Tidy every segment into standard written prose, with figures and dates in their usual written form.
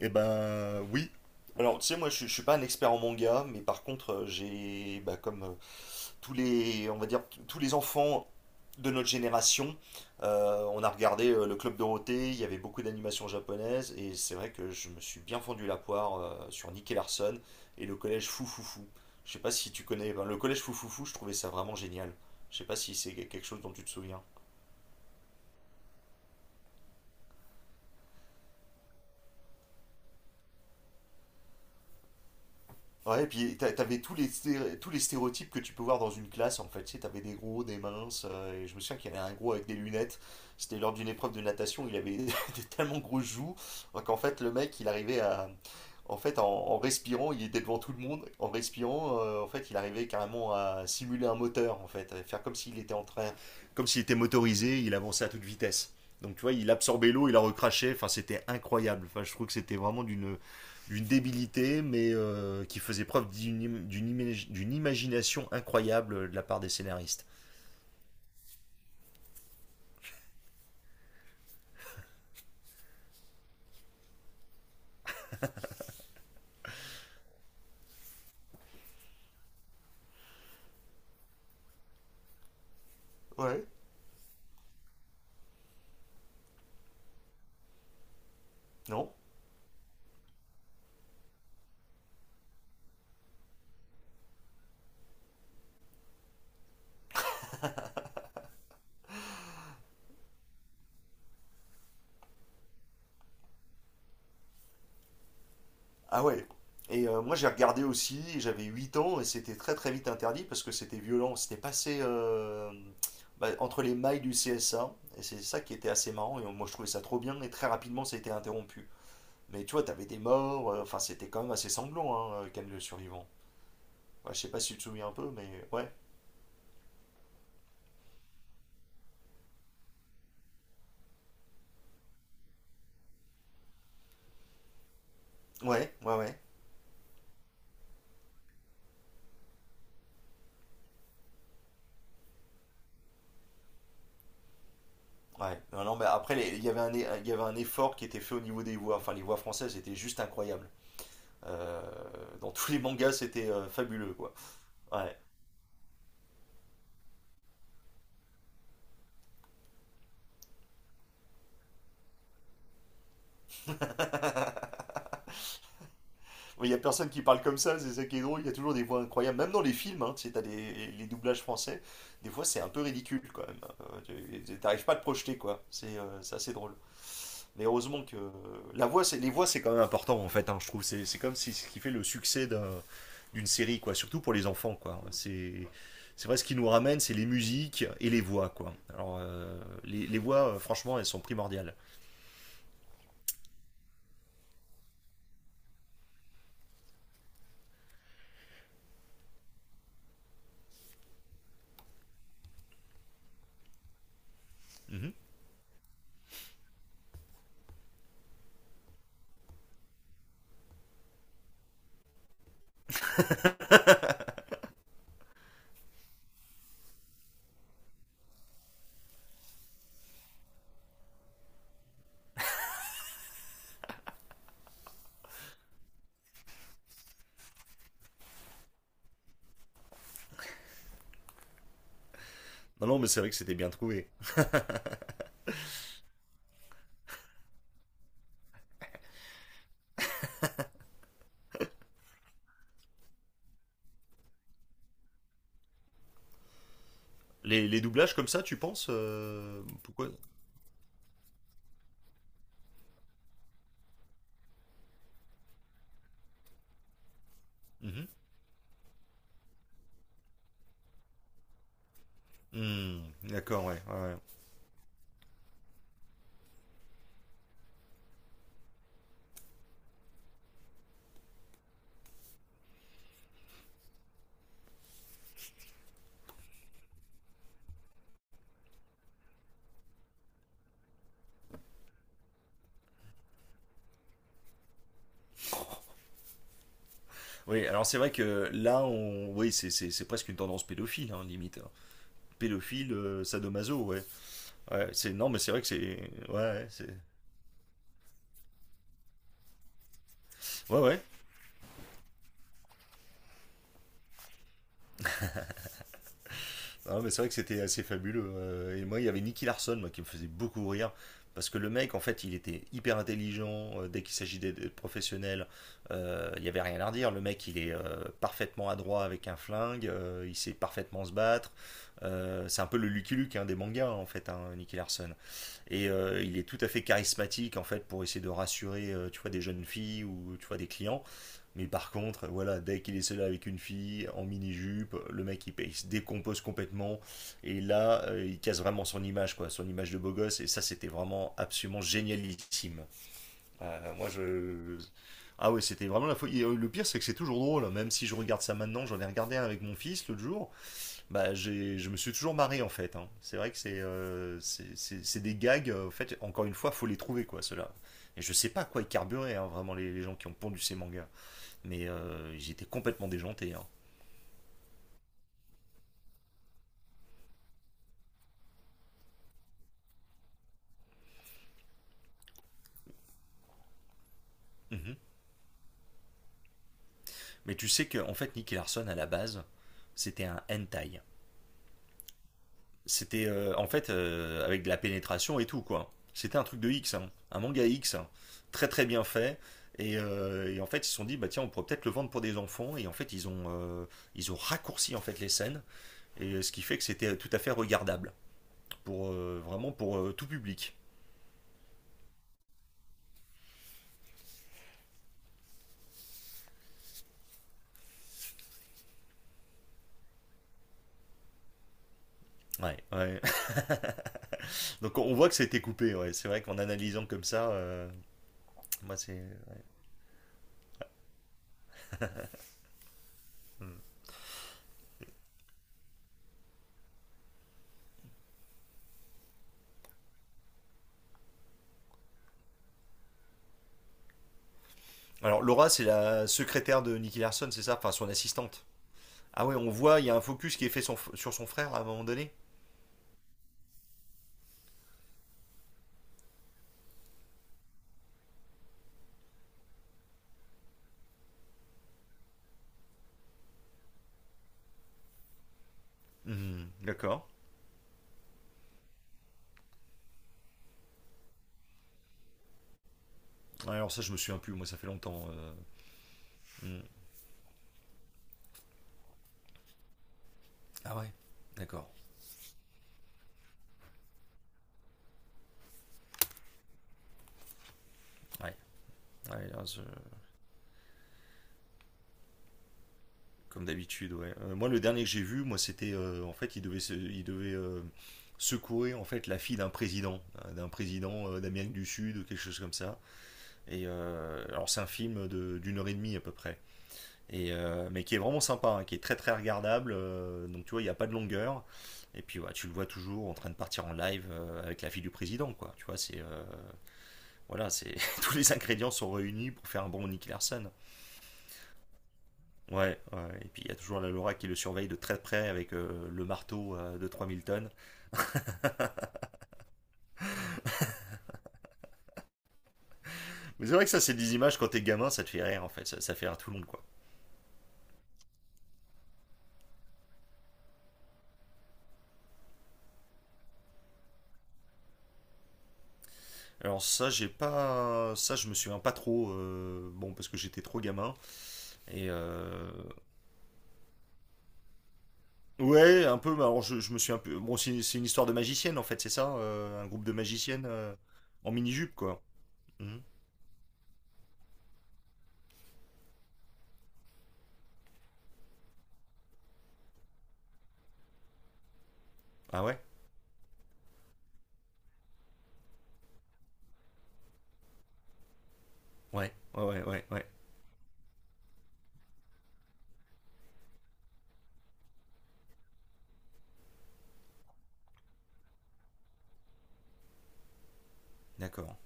Eh ben oui. Alors tu sais je suis pas un expert en manga mais par contre j'ai bah, comme tous les on va dire tous les enfants de notre génération on a regardé le Club Dorothée, il y avait beaucoup d'animations japonaises et c'est vrai que je me suis bien fendu la poire sur Nicky Larson et le collège Foufoufou. Je sais pas si tu connais, ben, le collège Foufoufou je trouvais ça vraiment génial. Je sais pas si c'est quelque chose dont tu te souviens. Ouais, et puis t'avais tous les, tous les stéréotypes que tu peux voir dans une classe, en fait. Tu sais, t'avais des gros, des minces, et je me souviens qu'il y avait un gros avec des lunettes. C'était lors d'une épreuve de natation, il avait des tellement grosses joues, qu'en fait, le mec, il arrivait à… En fait, en respirant, il était devant tout le monde. En respirant, en fait, il arrivait carrément à simuler un moteur, en fait. À faire comme s'il était en train… Comme s'il était motorisé, il avançait à toute vitesse. Donc, tu vois, il absorbait l'eau, il la recrachait. Enfin, c'était incroyable. Enfin, je trouve que c'était vraiment d'une une débilité, mais qui faisait preuve d'une imagination incroyable de la part des scénaristes. Ouais. Non. Ah ouais. Et moi j'ai regardé aussi, j'avais 8 ans et c'était très très vite interdit parce que c'était violent, c'était passé bah, entre les mailles du CSA et c'est ça qui était assez marrant et moi je trouvais ça trop bien et très rapidement ça a été interrompu. Mais tu vois, t'avais des morts, enfin c'était quand même assez sanglant hein, Ken le survivant. Ouais, je sais pas si tu te souviens un peu, mais ouais. Ouais, ouais, ouais. Ouais, non, non, mais après, il y avait il y avait un effort qui était fait au niveau des voix. Enfin, les voix françaises étaient juste incroyables. Euh, dans tous les mangas, c'était fabuleux, quoi. Ouais. Bon, il y a personne qui parle comme ça, c'est ça qui est drôle. Il y a toujours des voix incroyables. Même dans les films, hein, tu sais, t'as des, les doublages français. Des fois, c'est un peu ridicule, quand même. T'arrives pas à te projeter, quoi. C'est assez drôle. Mais heureusement que c'est les voix, c'est quand même important en fait, hein, je trouve c'est comme si ce qui fait le succès d'une série quoi, surtout pour les enfants quoi. C'est vrai, ce qui nous ramène, c'est les musiques et les voix quoi. Alors les voix, franchement, elles sont primordiales. Mhm. Non non, mais c'est vrai que c'était bien trouvé. Les doublages comme ça, tu penses pourquoi. Mhm. Hmm, d'accord, ouais, ouais, ouais. Oui, alors c'est vrai que là, on, oui, c'est presque une tendance pédophile, hein, limite. Pédophile, sadomaso, ouais. Ouais, c'est non, mais c'est vrai que c'est ouais, ouais, c'est ouais, ouais. Non, mais c'est vrai que c'était assez fabuleux. Et moi, il y avait Nicky Larson, moi, qui me faisait beaucoup rire parce que le mec, en fait, il était hyper intelligent dès qu'il s'agit d'être professionnel. Il y avait rien à redire. Le mec, il est parfaitement adroit avec un flingue. Il sait parfaitement se battre. C'est un peu le Lucky Luke hein, des mangas, en fait, hein, Nicky Larson. Et il est tout à fait charismatique en fait pour essayer de rassurer tu vois, des jeunes filles ou tu vois, des clients. Mais par contre, voilà, dès qu'il est seul avec une fille en mini-jupe, il se décompose complètement. Et là, il casse vraiment son image, quoi, son image de beau gosse. Et ça, c'était vraiment absolument génialissime. Moi, je. Ah ouais, c'était vraiment la folie. Et, le pire, c'est que c'est toujours drôle, hein. Même si je regarde ça maintenant, j'en ai regardé un avec mon fils l'autre jour. Bah, je me suis toujours marré en fait, hein. C'est vrai que c'est des gags. En fait, encore une fois, faut les trouver quoi, ceux-là. Et je sais pas à quoi ils carburaient hein, vraiment les gens qui ont pondu ces mangas. Mais j'étais complètement déjanté, hein. Mhm. Mais tu sais que en fait, Nicky Larson à la base, c'était un hentai. C'était En fait avec de la pénétration et tout quoi. C'était un truc de X, hein, un manga X, hein. Très très bien fait. Et en fait, ils se sont dit bah tiens, on pourrait peut-être le vendre pour des enfants. Et en fait, ils ont raccourci en fait les scènes. Et ce qui fait que c'était tout à fait regardable, pour, vraiment pour tout public. Ouais. Ouais. Donc on voit que c'était coupé, ouais. C'est vrai qu'en analysant comme ça, moi c'est... euh. Alors Laura c'est la secrétaire de Nicky Larson, c'est ça, enfin son assistante. Ah ouais, on voit, il y a un focus qui est fait son sur son frère à un moment donné. Mhm, d'accord. Ouais, alors ça je me souviens plus, moi ça fait longtemps, euh. Mhm. Ah ouais, d'accord. Ouais. Ouais, là, je- Comme d'habitude, ouais. Moi, le dernier que j'ai vu, moi, c'était en fait, il devait secourir en fait la fille d'un président d'Amérique du Sud, quelque chose comme ça. Et alors, c'est un film d'une heure et demie à peu près, et mais qui est vraiment sympa, hein, qui est très très regardable. Donc, tu vois, il n'y a pas de longueur. Et puis, ouais, tu le vois toujours en train de partir en live avec la fille du président, quoi. Tu vois, c'est Voilà, c'est tous les ingrédients sont réunis pour faire un bon Nick Larson. Ouais, ouais. Et puis il y a toujours la Laura qui le surveille de très près avec le marteau de 3 000 tonnes. Mais c'est vrai que ça, c'est des images quand t'es gamin, ça te fait rire en fait, ça fait rire tout le monde quoi. Alors ça, j'ai pas, ça je me souviens pas trop, bon parce que j'étais trop gamin et ouais un peu. Mais alors je me suis un peu, bon c'est une histoire de magicienne en fait, c'est ça, un groupe de magiciennes en mini jupe quoi. Mhm. Ah ouais, ouais, ouais, ouais, ouais, ouais. D'accord.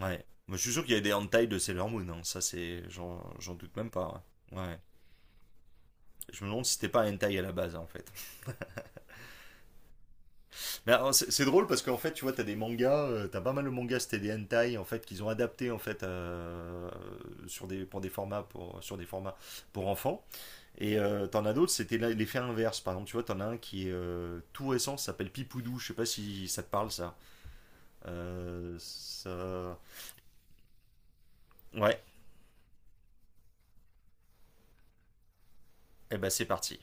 Ouais. Moi, je suis sûr qu'il y a des hentai de Sailor Moon, hein. Ça c'est, j'en doute même pas, hein. Ouais. Je me demande si c'était pas un hentai à la base en fait. Mais c'est drôle parce qu'en fait, tu vois, t'as des mangas, t'as pas mal de mangas, c'était des hentai en fait qu'ils ont adapté en fait sur des pour des formats pour sur des formats pour enfants. Et t'en as d'autres, c'était l'effet inverse. Par exemple, tu vois, t'en as un qui est tout récent, ça s'appelle Pipoudou. Je sais pas si ça te parle ça. Euh, ça... Ouais. Et ben c'est parti.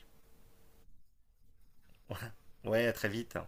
Ouais, à très vite.